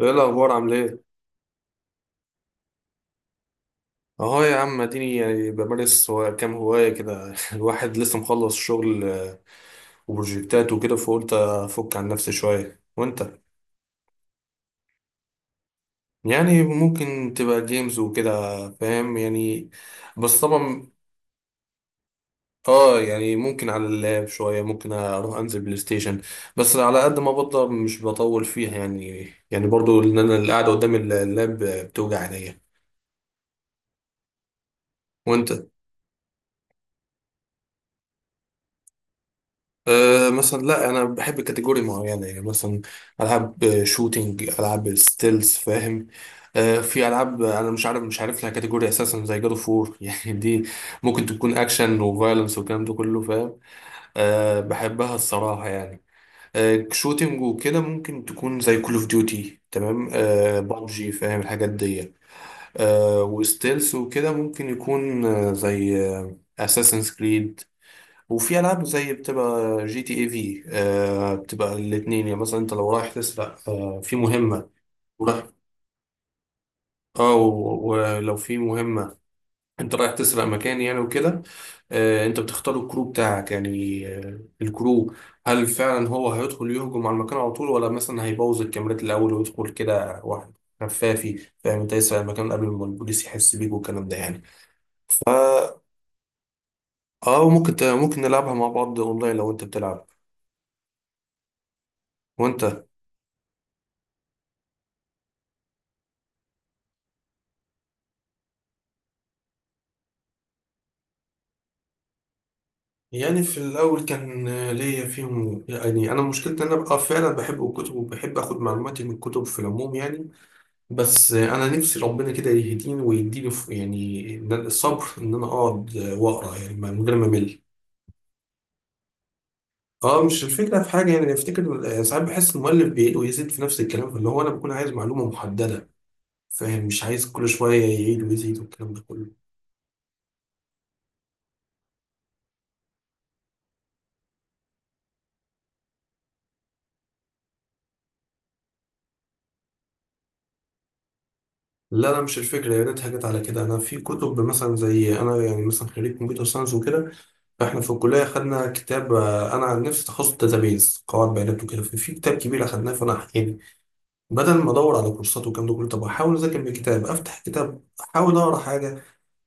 ايه الاخبار؟ عامل ايه؟ اهو يا عم اديني بمارس كام هوايه كده. الواحد لسه مخلص شغل وبروجكتات وكده، فقلت افك عن نفسي شويه. وانت؟ يعني ممكن تبقى جيمز وكده، فاهم يعني، بس طبعا اه، يعني ممكن على اللاب شويه، ممكن اروح انزل بلاي ستيشن، بس على قد ما بقدر مش بطول فيها يعني. يعني برضو ان انا القعده قدام اللاب بتوجع عينيا. وانت؟ أه مثلا، لا انا بحب كاتيجوري معينه، يعني مثلا العاب شوتينج، العاب ستيلز، فاهم. أه في العاب انا مش عارف لها كاتيجوري اساسا، زي جاد اوف وور. يعني دي ممكن تكون اكشن وفايلنس والكلام ده كله، فاهم. أه بحبها الصراحه يعني. أه شوتينج وكده ممكن تكون زي كول اوف ديوتي، تمام، أه بابجي، فاهم الحاجات دي. أه وستيلز وكده ممكن يكون زي اساسن كريد. وفي العاب زي بتبقى جي تي اي في، آه، بتبقى الاثنين يعني. مثلا انت لو رايح تسرق، آه، في مهمه ورايح، اه، ولو في مهمه انت رايح تسرق مكان يعني وكده، آه، انت بتختار الكرو بتاعك يعني، آه، الكرو، هل فعلا هو هيدخل يهجم على المكان على طول، ولا مثلا هيبوظ الكاميرات الاول ويدخل كده واحد خفافي، فاهم انت، يسرق المكان قبل ما البوليس يحس بيك والكلام ده يعني. ف اه، وممكن ممكن نلعبها مع بعض اونلاين لو انت بتلعب. وانت؟ يعني في الأول كان ليا فيهم يعني. أنا مشكلتي إن أنا بقى فعلا بحب الكتب وبحب آخد معلوماتي من الكتب في العموم يعني، بس أنا نفسي ربنا كده يهديني ويديني يعني، الصبر إن أنا أقعد وأقرأ يعني من غير ما أمل. أه مش الفكرة في حاجة يعني، أفتكر ساعات بحس المؤلف بيعيد ويزيد في نفس الكلام، فاللي هو أنا بكون عايز معلومة محددة، فاهم، مش عايز كل شوية يعيد ويزيد والكلام ده كله. لا، مش الفكرة، يا ريتها جت على كده. أنا في كتب مثلا، زي أنا يعني مثلا خريج كمبيوتر ساينس وكده، احنا في الكلية خدنا كتاب، انا عن نفسي تخصص داتابيز، قواعد بيانات وكده، في كتاب كبير اخدناه، فانا يعني بدل ما ادور على كورسات والكلام ده كله، طب احاول اذاكر من كتاب، افتح كتاب احاول اقرا حاجة.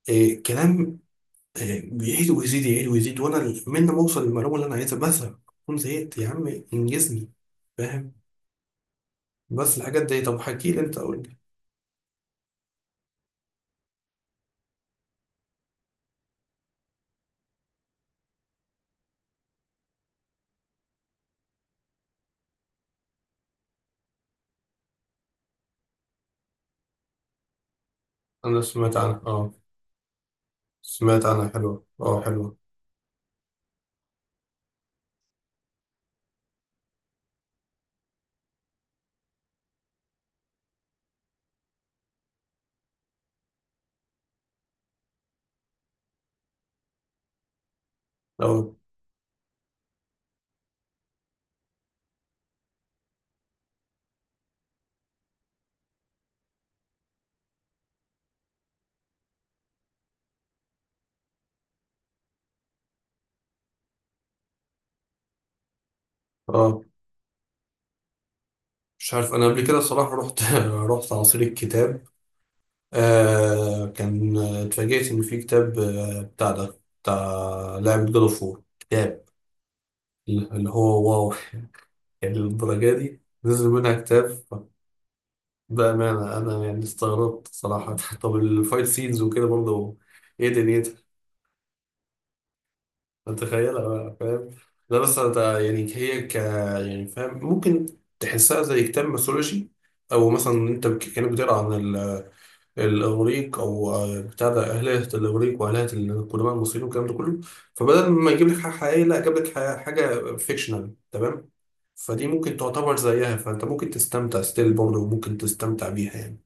إيه كلام، إيه، بيعيد ويزيد، يعيد ويزيد، وانا من ما اوصل للمعلومة اللي انا عايزها بزهق، اكون زهقت يا عم، انجزني، فاهم. بس الحاجات دي، طب حكي لي انت، قول لي. انا سمعت عنها اه، سمعت عنها، حلوة اه، حلوة اه اه. مش عارف انا قبل كده الصراحة رحت، رحت عصير الكتاب، آه كان اتفاجئت ان في كتاب آه بتاع ده بتاع لعبة جاد اوف وور كتاب، اللي هو واو. يعني للدرجة دي نزل منها كتاب؟ بأمانة أنا يعني استغربت صراحة. طب الفايت سينز وكده برضه، إيه دنيتها؟ متخيلها بقى فاهم؟ لا بس أنا يعني هي ك يعني فاهم، ممكن تحسها زي كتاب ميثولوجي، أو مثلا أنت كأنك بتقرا عن الاغريق، او بتاع ده اهليه الاغريق واهليه القدماء المصريين والكلام ده كله. فبدل ما يجيب لك حاجه حقيقيه، لا جاب لك حاجه فيكشنال، تمام، فدي ممكن تعتبر زيها، فانت ممكن تستمتع ستيل برضه وممكن تستمتع بيها يعني.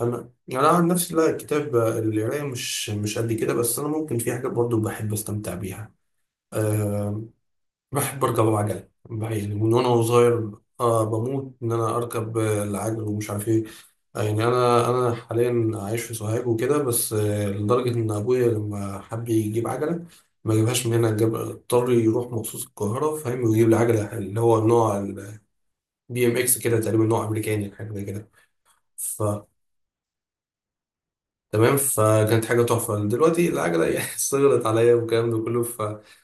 انا عن نفسي لا الكتاب القرايه مش مش قد كده، بس انا ممكن في حاجات برضه بحب استمتع بيها. أه بحب اركب العجل، يعني من وانا صغير. أه بموت ان انا اركب، العجل، ومش عارف ايه. يعني انا حاليا عايش في سوهاج وكده، بس لدرجه ان ابويا لما حب يجيب عجله ما جابهاش من هنا، جاب اضطر يروح مخصوص القاهره، فاهم، ويجيب لي عجله اللي هو نوع البي إم إكس كده تقريبا، نوع امريكاني حاجه زي كده. ف تمام، فكانت حاجه تحفه. دلوقتي العجله يعني صغرت عليا والكلام ده كله، فممكن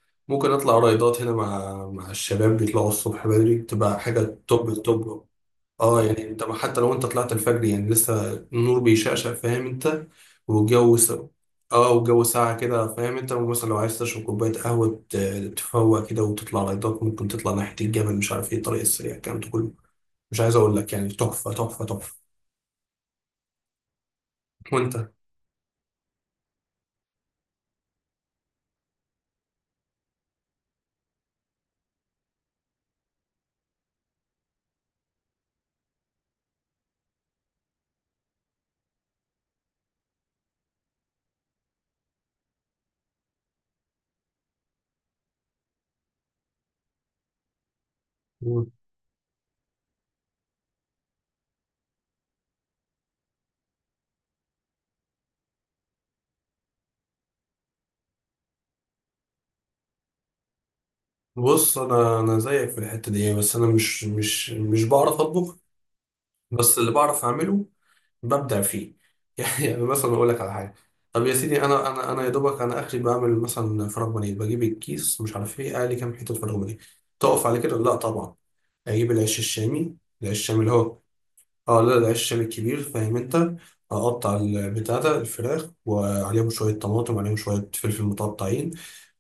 اطلع رايدات هنا مع الشباب، بيطلعوا الصبح بدري تبقى حاجه توب التوب. اه، يعني انت حتى لو انت طلعت الفجر يعني لسه النور بيشقشق، فاهم انت، والجو س... اه والجو ساقع كده، فاهم انت، ومثلا لو عايز تشرب كوباية قهوة، تفوق كده وتطلع لايتات، ممكن تطلع ناحية الجبل، مش عارف ايه، الطريق السريع، الكلام ده كله، مش عايز اقول لك يعني، تحفة تحفة تحفة. وانت؟ مم. بص انا، زيك في الحتة دي، بس انا مش بعرف اطبخ. بس اللي بعرف اعمله ببدع فيه. يعني مثلا اقول لك على حاجه، طب يا سيدي، انا يا دوبك انا اخري بعمل مثلا فراخ بانيه، بجيب الكيس مش عارف ايه، اقلي كام حته فراخ بانيه، تقف على كده؟ لا طبعا. اجيب العيش الشامي، العيش الشامي اللي هو، اه لا العيش الشامي الكبير، فاهم انت، اقطع البتاع ده الفراخ، وعليهم شويه طماطم، عليهم شويه فلفل متقطعين،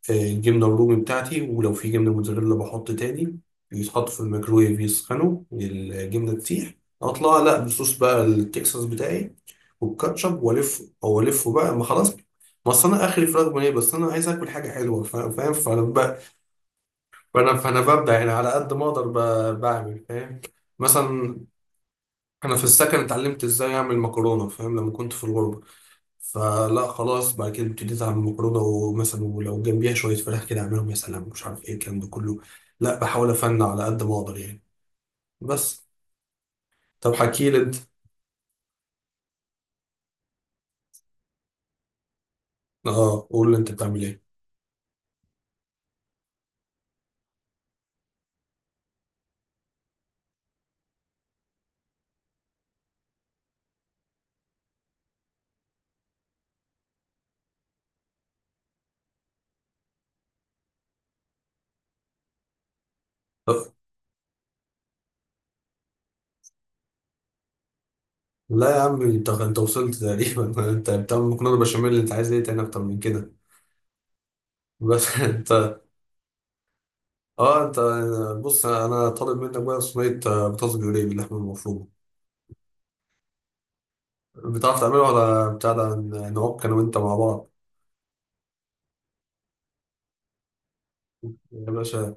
الجبنه الرومي بتاعتي، ولو في جبنه موتزاريلا بحط تاني، يتحط في الميكرويف يسخنوا الجبنه تسيح، اطلع لا بصوص بقى التكساس بتاعي، والكاتشب، والفه او الفه بقى ما خلاص. ما اصل انا اخري فراخ بانيه، بس انا عايز اكل حاجه حلوه، فاهم، فانا ببدع يعني على قد ما اقدر، بعمل فاهم. مثلا، انا في السكن اتعلمت ازاي اعمل مكرونه، فاهم لما كنت في الغربه، فلا خلاص بعد كده ابتديت اعمل مكرونه، ومثلا ولو جنبيها شويه فراخ كده اعملهم، يا سلام، مش عارف ايه الكلام ده كله، لا بحاول افنن على قد ما اقدر يعني. بس، طب حكي لي انت، اه قول لي انت بتعمل ايه؟ لا يا عم، انت وصلت تقريبا. انت بتعمل مكرونه بشاميل، اللي انت عايز ايه تاني اكتر من كده؟ بس. انت اه، انت بص، انا طالب منك بقى صينيه بطاطس بيوريه باللحمه المفرومه، بتعرف تعملها؟ ولا بتاع ده، نعك انا وانت مع بعض؟ يا باشا،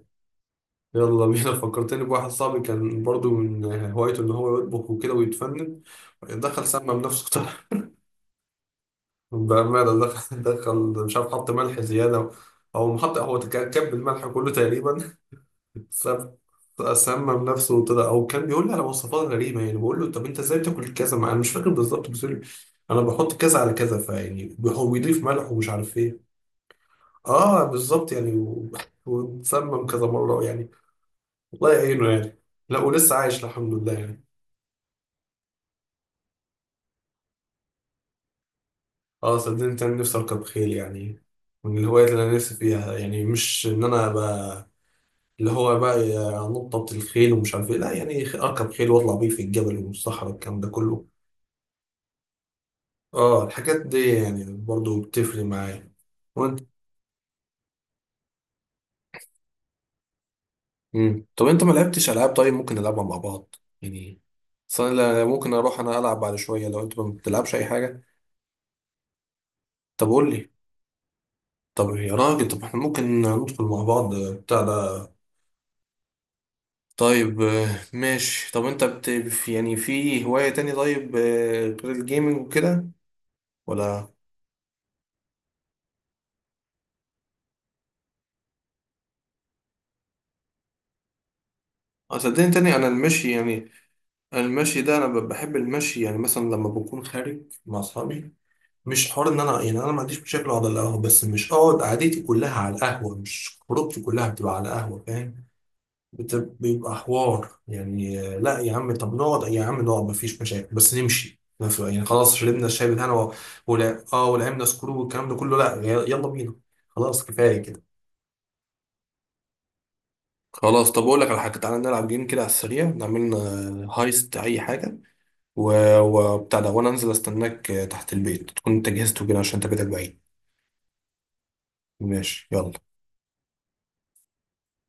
يلا بينا. فكرتني بواحد صاحبي كان برضو من هوايته ان هو يطبخ وكده ويتفنن. دخل سمى بنفسه طبعا. بأمانة، دخل مش عارف حط ملح زيادة، أو محط هو كب الملح كله تقريبا، ساب- سمم نفسه وطلع. او كان بيقول لي على وصفات غريبه، يعني بقول له طب انت ازاي بتاكل كذا، ما انا مش فاكر بالظبط بس يقول لي انا بحط كذا على كذا، فيعني هو بيضيف ملح ومش عارف ايه. اه بالظبط يعني، واتسمم كذا مره يعني، الله يعينه يعني. لا ولسه عايش الحمد لله يعني. اه صدقني انا نفسي اركب خيل يعني، من الهوايات اللي انا نفسي فيها. يعني مش ان انا ابقى اللي هو بقى نطة الخيل ومش عارف ايه، لا يعني اركب خيل واطلع بيه في الجبل والصحراء، الكلام ده كله. اه الحاجات دي يعني برضو بتفرق معايا. وانت؟ امم، طب انت ما لعبتش العاب طيب؟ ممكن نلعبها مع بعض يعني. اصل أنا ممكن اروح انا العب بعد شويه لو انت ما بتلعبش اي حاجه. طب قول لي، طب يا راجل، طب احنا ممكن ندخل مع بعض بتاع ده. طيب ماشي، طب انت يعني في هوايه تاني طيب غير الجيمنج وكده ولا؟ صدقني تاني انا المشي يعني، أنا المشي ده انا بحب المشي. يعني مثلا لما بكون خارج مع اصحابي، مش حوار ان انا، يعني انا ما عنديش مشاكل اقعد على القهوه، بس مش اقعد قعدتي كلها على القهوه، مش خروجتي كلها بتبقى على القهوه، فاهم، بيبقى حوار يعني، لا يا عم طب نقعد، يا عم نقعد ما فيش مشاكل بس نمشي، ما في- يعني خلاص شربنا الشاي بتاعنا و ولا اه ولعبنا سكرو والكلام ده كله، لا يلا بينا، خلاص كفايه كده. خلاص، طب اقول لك على حاجه، تعالى نلعب جيم كده على السريع، نعمل لنا هايست اي حاجه و وبتاع ده، وانا انزل استناك تحت البيت، تكون انت جهزت وكده عشان انت بيتك بعيد. ماشي يلا.